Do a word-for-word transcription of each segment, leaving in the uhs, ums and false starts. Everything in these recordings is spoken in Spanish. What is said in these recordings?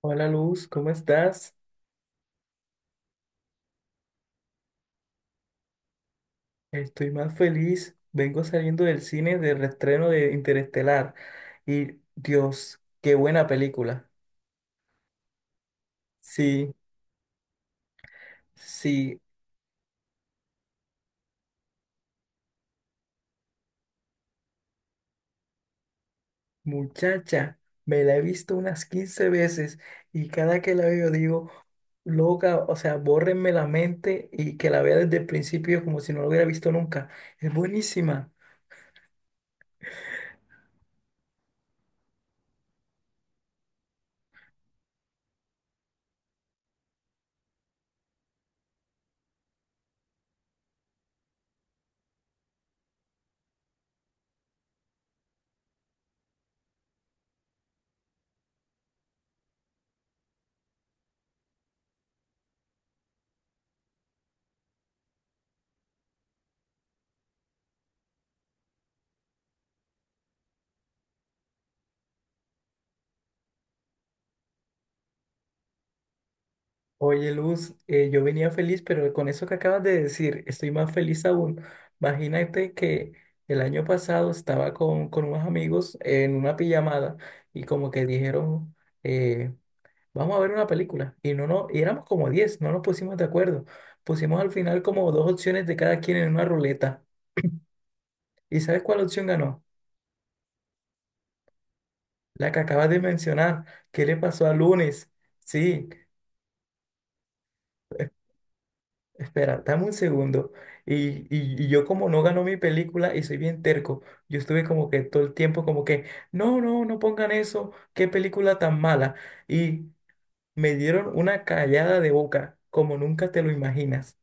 Hola Luz, ¿cómo estás? Estoy más feliz. Vengo saliendo del cine del reestreno de Interestelar. Y Dios, qué buena película. Sí, sí, muchacha, me la he visto unas quince veces y cada que la veo digo, loca, o sea, bórrenme la mente y que la vea desde el principio como si no la hubiera visto nunca. Es buenísima. Oye, Luz, eh, yo venía feliz, pero con eso que acabas de decir, estoy más feliz aún. Imagínate que el año pasado estaba con, con unos amigos en una pijamada y como que dijeron, eh, vamos a ver una película. Y no, no, y éramos como diez, no nos pusimos de acuerdo. Pusimos al final como dos opciones de cada quien en una ruleta. ¿Y sabes cuál opción ganó? La que acabas de mencionar. ¿Qué le pasó a Lunes? Sí. Espera, dame un segundo. Y, y, y yo como no ganó mi película y soy bien terco, yo estuve como que todo el tiempo como que, no, no, no pongan eso, qué película tan mala. Y me dieron una callada de boca, como nunca te lo imaginas.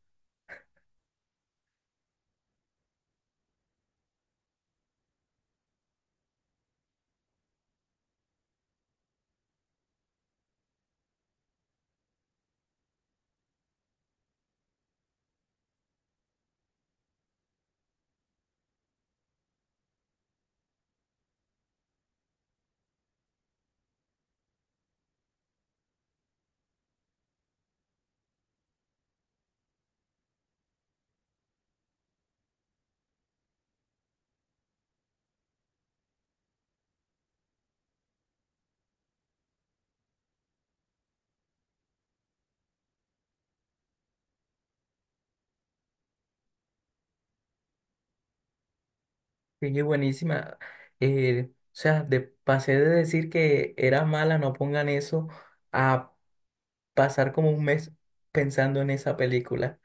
Sí, es buenísima. Eh, o sea, de, pasé de decir que era mala, no pongan eso, a pasar como un mes pensando en esa película.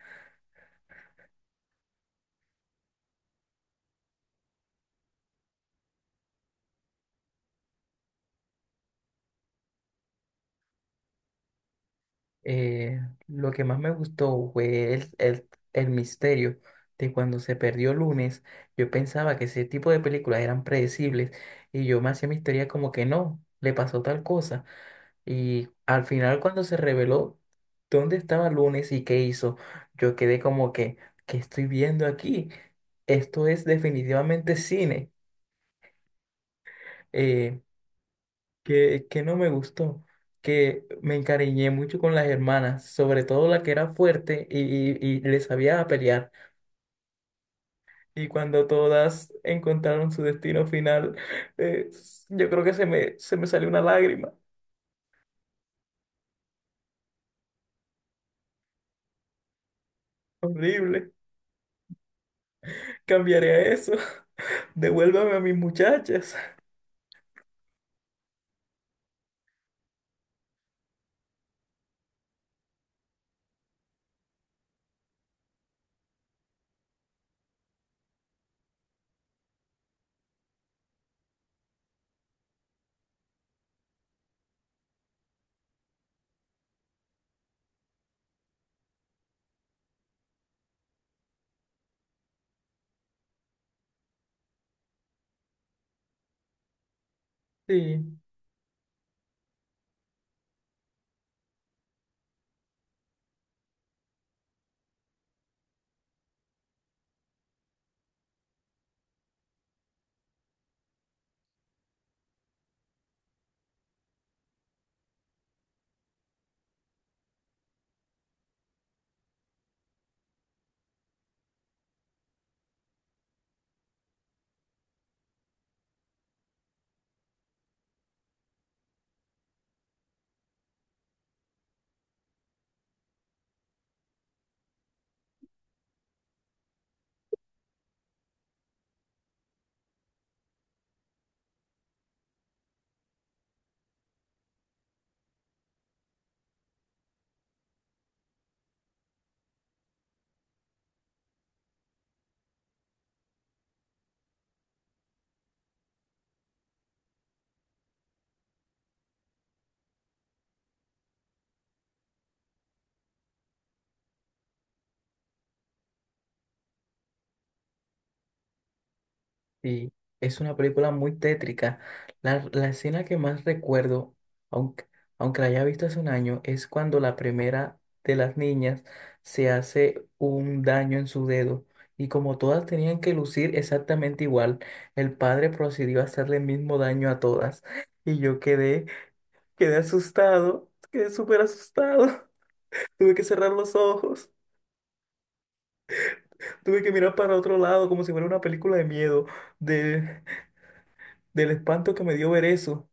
eh, lo que más me gustó fue el, el, el misterio de cuando se perdió lunes. Yo pensaba que ese tipo de películas eran predecibles y yo me hacía mi historia como que no, le pasó tal cosa. Y al final cuando se reveló dónde estaba lunes y qué hizo, yo quedé como que, ¿qué estoy viendo aquí? Esto es definitivamente cine. eh que, que no me gustó, que me encariñé mucho con las hermanas, sobre todo la que era fuerte y, y, y le sabía pelear. Y cuando todas encontraron su destino final, eh, s- yo creo que se me, se me salió una lágrima. Horrible. Cambiaré a eso. Devuélvame a mis muchachas. Sí. Sí, es una película muy tétrica. La, la escena que más recuerdo, aunque, aunque la haya visto hace un año, es cuando la primera de las niñas se hace un daño en su dedo. Y como todas tenían que lucir exactamente igual, el padre procedió a hacerle el mismo daño a todas. Y yo quedé, quedé asustado, quedé súper asustado. Tuve que cerrar los ojos, tuve que mirar para otro lado como si fuera una película de miedo, de, del espanto que me dio ver eso.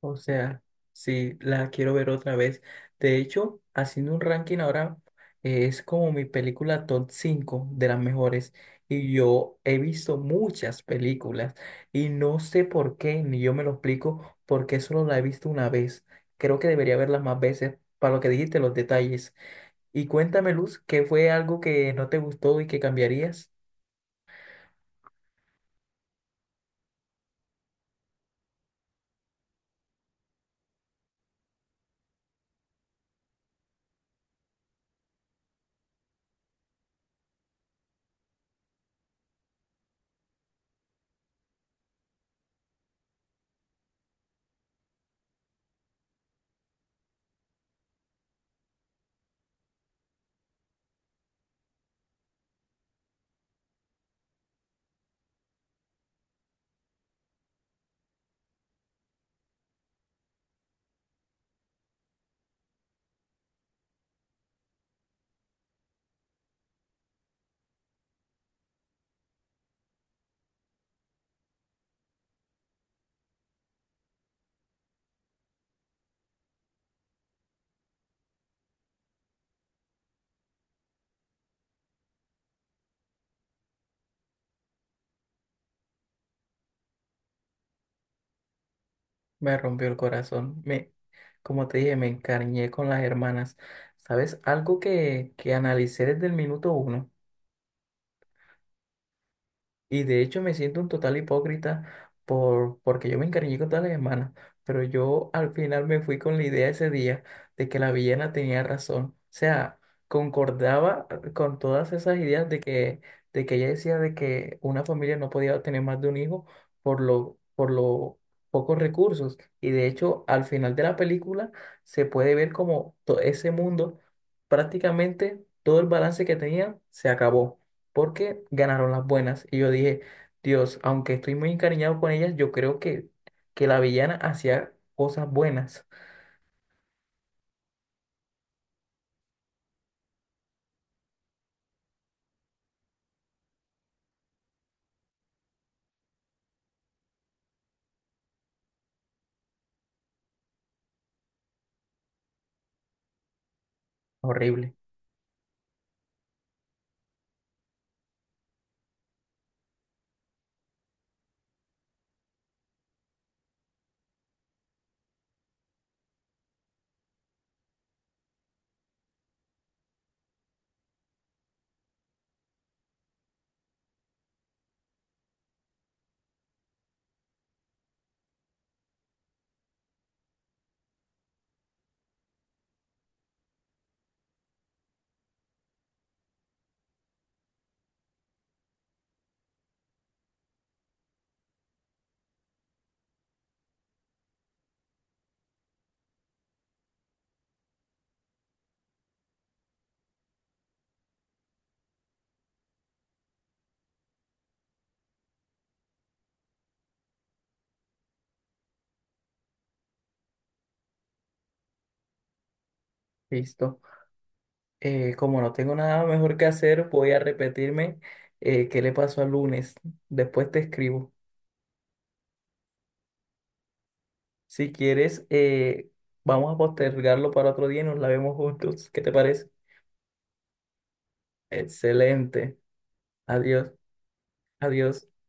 O sea, sí, la quiero ver otra vez. De hecho, haciendo un ranking ahora, eh, es como mi película top cinco de las mejores. Y yo he visto muchas películas y no sé por qué, ni yo me lo explico, porque solo la he visto una vez. Creo que debería verlas más veces para lo que dijiste, los detalles. Y cuéntame, Luz, ¿qué fue algo que no te gustó y que cambiarías? Me rompió el corazón. Me, como te dije, me encariñé con las hermanas. ¿Sabes? Algo que, que analicé desde el minuto uno. Y de hecho me siento un total hipócrita por, porque yo me encariñé con todas las hermanas, pero yo al final me fui con la idea ese día de que la villana tenía razón. O sea, concordaba con todas esas ideas de que, de que ella decía de que una familia no podía tener más de un hijo por lo, por lo pocos recursos. Y de hecho, al final de la película se puede ver como todo ese mundo, prácticamente todo el balance que tenía se acabó porque ganaron las buenas. Y yo dije, Dios, aunque estoy muy encariñado con ellas, yo creo que, que la villana hacía cosas buenas. Horrible. Listo. Eh, como no tengo nada mejor que hacer, voy a repetirme eh, qué le pasó al lunes. Después te escribo. Si quieres, eh, vamos a postergarlo para otro día y nos la vemos juntos. ¿Qué te parece? Excelente. Adiós. Adiós.